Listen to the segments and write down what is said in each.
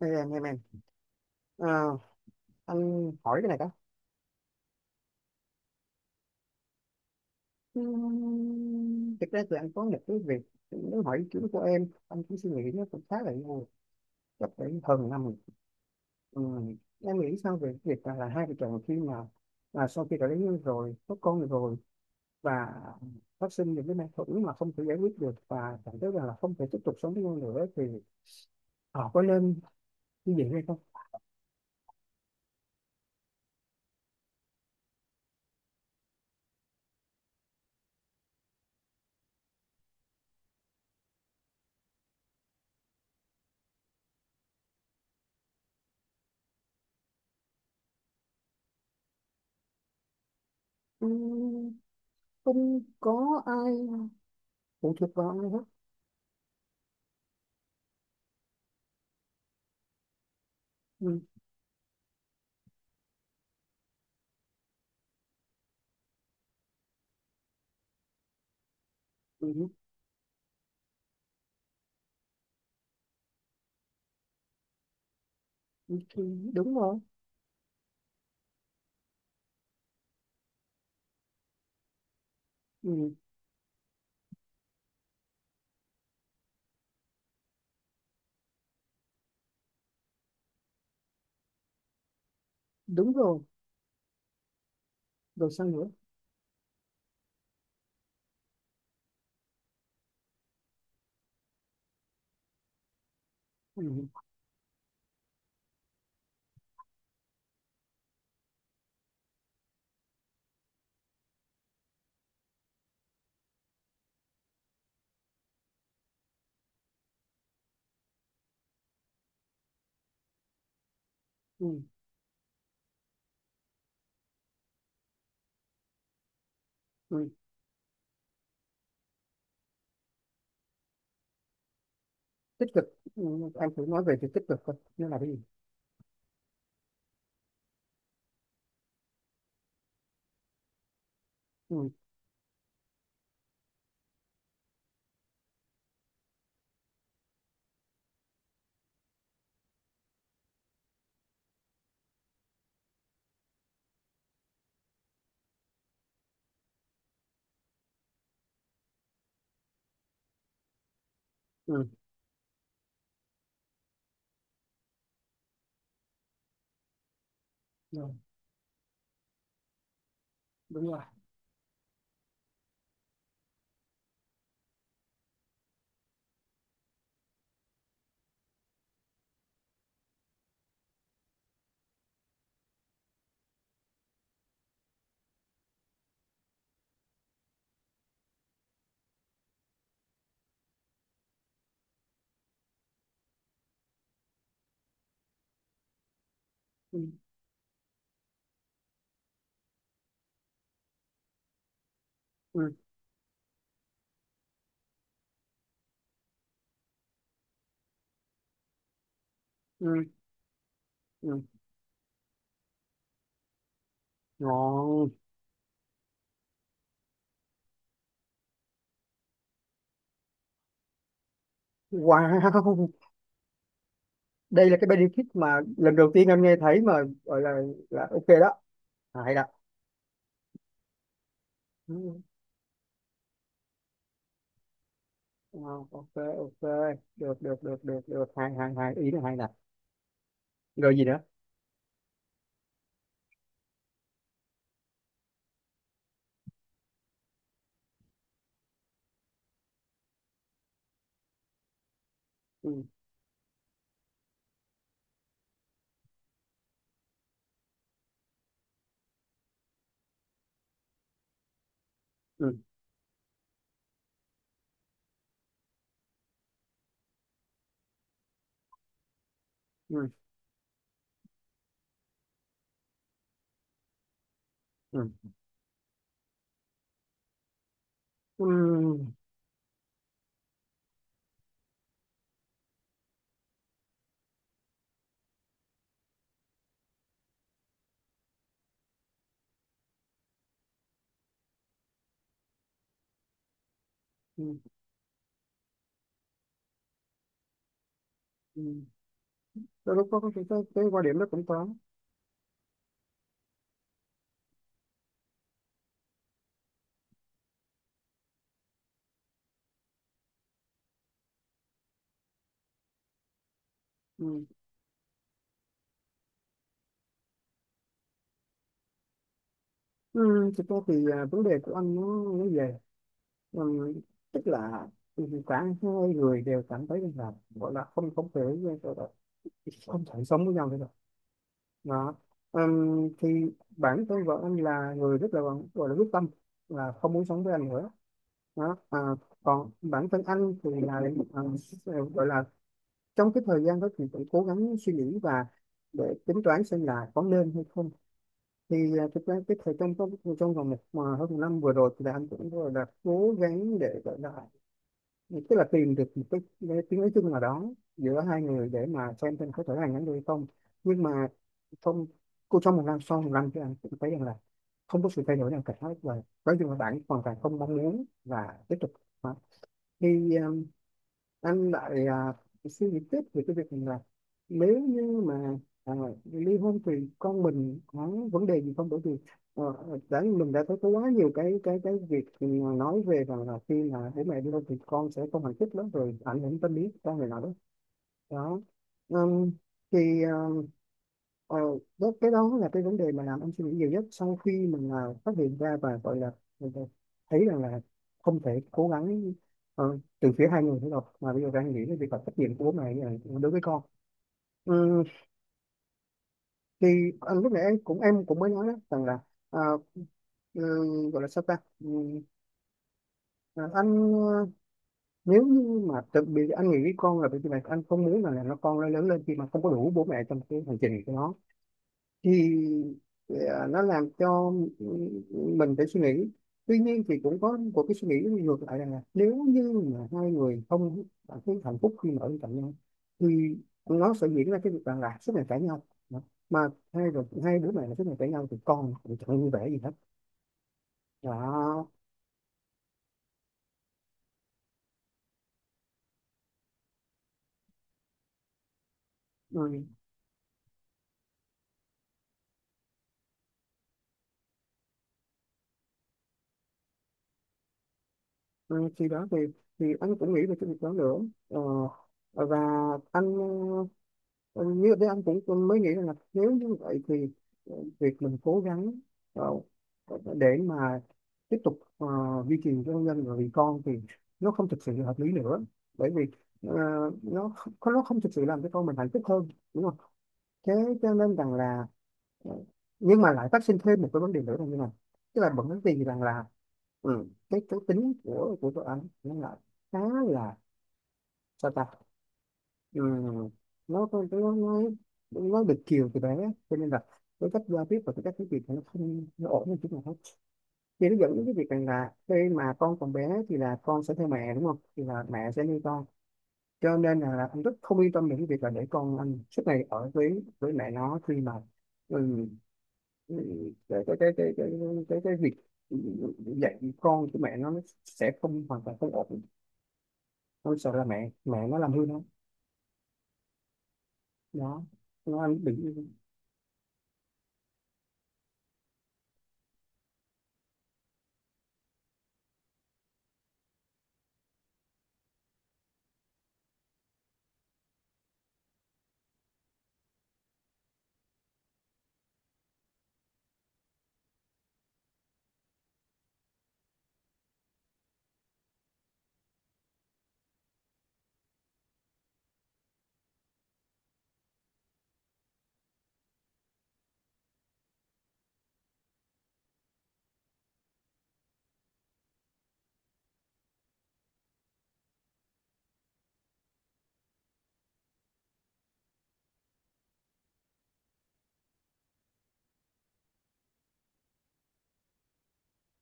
Đây em. Ờ, anh hỏi cái này đó. Thực ra thì anh có một cái việc muốn hỏi ý kiến của em, anh cũng suy nghĩ nó cũng khá là lâu, chắc phải hơn năm rồi. Ừm, em nghĩ sao về cái việc là hai vợ chồng khi mà là sau khi đã lấy nhau rồi, có con rồi, và phát sinh những cái mâu thuẫn mà không thể giải quyết được và cảm thấy rằng là không thể tiếp tục sống với nhau nữa thì họ có nên như vậy hay không? Ừm, Không có ai phụ thuộc vào ai hết. Ừm, ừm, Đúng rồi. Ừ, đúng rồi. Rồi sao nữa? Ừ. Ừ. Ừ. Tích cực. Ừ, anh thử nói về việc tích cực coi nó là cái gì. Ừ. Ừ. Rồi, đúng rồi. Ừ. Ừ. Ừ. Ừ. Ngon. Wow, đây là cái benefit mà lần đầu tiên anh nghe thấy mà, gọi là ok đó. À, hay đó. Ừ, wow, ok ok, được được được được được, hay hay hay, ý là hay nè. Rồi gì nữa? Ừ. Ừ. Ừ. Ừ. Ừ. Ừ. Ừ. Đôi lúc có cái quan điểm nó cũng có. Ừ. Ừ, thực ra thì vấn đề của anh nó về, ừ, tức là cả hai người đều cảm thấy là gọi là không, không thể gọi là không thể sống với nhau nữa rồi. Đó. Thì bản thân vợ anh là người rất là gọi là quyết tâm là không muốn sống với anh nữa. Đó. Còn bản thân anh thì là, à, gọi là trong cái thời gian đó thì cũng cố gắng suy nghĩ và để tính toán xem là có nên hay không. Thì thực ra cái thời trong trong trong vòng một mà hơn một năm vừa rồi thì là anh cũng gọi là cố gắng để gọi là tức là tìm được một cái tiếng nói chung nào đó giữa hai người để mà xem có thể là nhắn được hay không. Nhưng mà trong cô trong một năm sau một năm thì anh cũng thấy rằng là không có sự thay đổi nào cả hết, và nói chung là bạn hoàn toàn không mong muốn và tiếp tục. Đó. Thì anh lại, suy nghĩ tiếp về cái việc là nếu như mà, à, ly hôn thì con mình có vấn đề gì không, bởi vì ờ, đã mình đã thấy có quá nhiều cái cái việc mà nói về rằng là khi mà bố mẹ ly hôn thì con sẽ không hạnh phúc lắm rồi ảnh hưởng tâm lý cho người nào đó. Đó. Ừm, thì ờm, ờ, Đó, cái đó là cái vấn đề mà làm anh suy nghĩ nhiều nhất sau khi mình phát hiện ra và gọi là mình, thấy rằng là không thể cố gắng từ phía hai người nữa đâu mà bây giờ đang nghĩ đến việc là trách nhiệm của bố mẹ đối với con. Ừm, thì anh lúc nãy em cũng mới nói đó, rằng là ờ, gọi là sao ta. Ờ, anh, nếu như mà tự bị anh nghĩ con là bởi vì là anh không muốn là con nó lớn lên khi mà không có đủ bố mẹ trong cái hành trình của nó thì, nó làm cho mình phải suy nghĩ. Tuy nhiên thì cũng có một cái suy nghĩ ngược lại rằng là nếu như mà hai người không cảm thấy hạnh phúc khi mà ở bên cạnh nhau thì nó sẽ diễn ra cái việc rằng là suốt ngày cãi nhau. Đó. Mà hai rồi hai đứa này là suốt ngày cãi nhau thì con cũng chẳng vui vẻ gì hết. Đó. Ừ. Ừ. Khi đó thì anh cũng nghĩ về cái việc đó nữa. ờ, và anh, Ừ, như thế anh cũng cũng mới nghĩ là nếu như vậy thì việc mình cố gắng, ờ, để mà tiếp tục duy trì cho hôn nhân và vì con thì nó không thực sự là hợp lý nữa, bởi vì ờ, nó không thực sự làm cho con mình hạnh phúc hơn, đúng không? Thế cho nên rằng là, ờ, nhưng mà lại phát sinh thêm một cái vấn đề nữa là như này, tức là bởi vì rằng là ừ, cái tính của tụi anh nó là khá là sao ta. Ừ. nó nó được chiều từ bé cho nên là cái cách giao tiếp và cái cách nói chuyện thì nó không nó ổn hơn chút nào hết. Thì nó dẫn đến cái việc rằng là khi mà con còn bé thì là con sẽ theo mẹ, đúng không, thì là mẹ sẽ nuôi con. Cho nên là anh rất không yên tâm về cái việc là để con anh suốt ngày ở với mẹ nó khi mà, ừ, ừ, cái, cái, cái, cái, cái, cái việc dạy con của mẹ nó sẽ không hoàn toàn không ổn. Tôi sợ là mẹ mẹ nó làm hư nó. Đó. Nó anh đừng.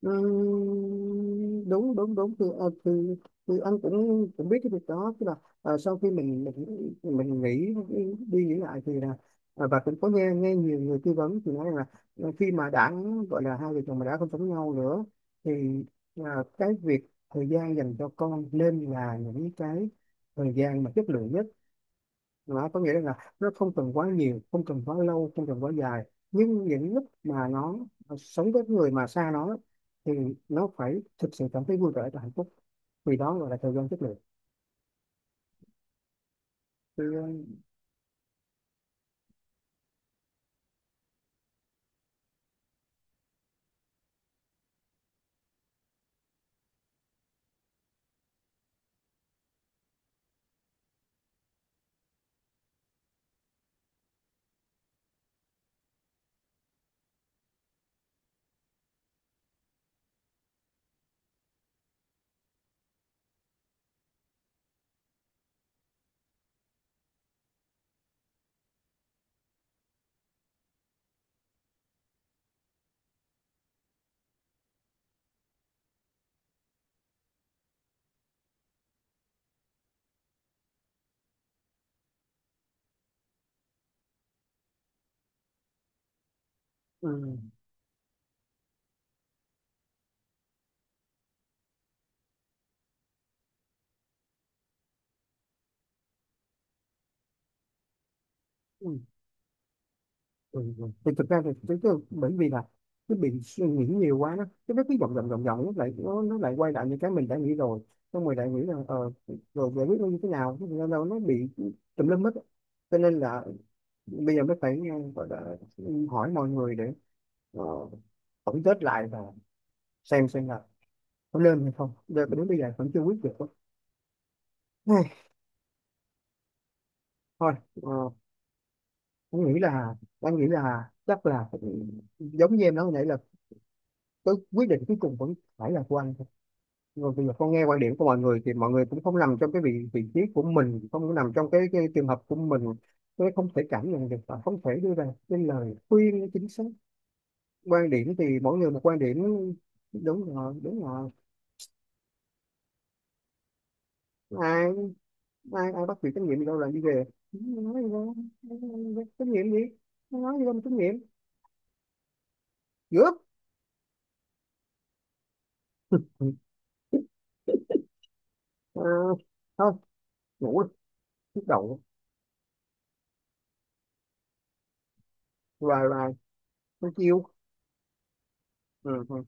Đúng đúng đúng thì, thì anh cũng cũng biết cái việc đó, tức là sau khi mình nghĩ đi nghĩ lại thì là và cũng có nghe nghe nhiều người tư vấn thì nói là khi mà đã gọi là hai vợ chồng mà đã không sống nhau nữa thì cái việc thời gian dành cho con nên là những cái thời gian mà chất lượng nhất. Đó có nghĩa là nó không cần quá nhiều, không cần quá lâu, không cần quá dài, nhưng những lúc mà nó sống với người mà xa nó thì nó phải thực sự cảm thấy vui vẻ và hạnh phúc, vì đó gọi là thời gian chất lượng. Thì, ừ, ừ, ừ, ừ. Thì thực ra thì tôi bởi vì là cứ bị suy nghĩ nhiều quá nó cái nó cứ vòng vòng vòng vòng nó lại nó lại quay lại những cái mình đã nghĩ rồi. Xong rồi lại nghĩ là rồi giải quyết nó như thế nào, thế là đâu nó bị tùm lum hết á. Cho nên là bây giờ mới phải gọi là ừ, hỏi mọi người để ờ, tổng kết lại và xem là có lên hay không, giờ đến bây giờ vẫn chưa quyết được. Thôi. ờ, anh nghĩ là anh nghĩ là chắc là phải- giống như em nói hồi nãy là cái quyết định cuối cùng vẫn phải là của anh thôi. Rồi bây giờ con nghe quan điểm của mọi người thì mọi người cũng không nằm trong cái vị vị trí của mình, không có nằm trong cái trường hợp của mình. Tôi không thể cảm nhận được và không thể đưa ra cái lời khuyên chính xác. Quan điểm thì mỗi người một quan điểm. Đúng rồi đúng rồi. Ai ai Ai bắt việc trách nhiệm gì đâu, làm đi về. Nói gì đâu. Trách nhiệm gì. Nói gì đâu mà trách nhiệm. Gớp. Ừ. À, thôi, ngủ đi, nhức đầu. Hoài hoài không chịu. Ừ. Ừ.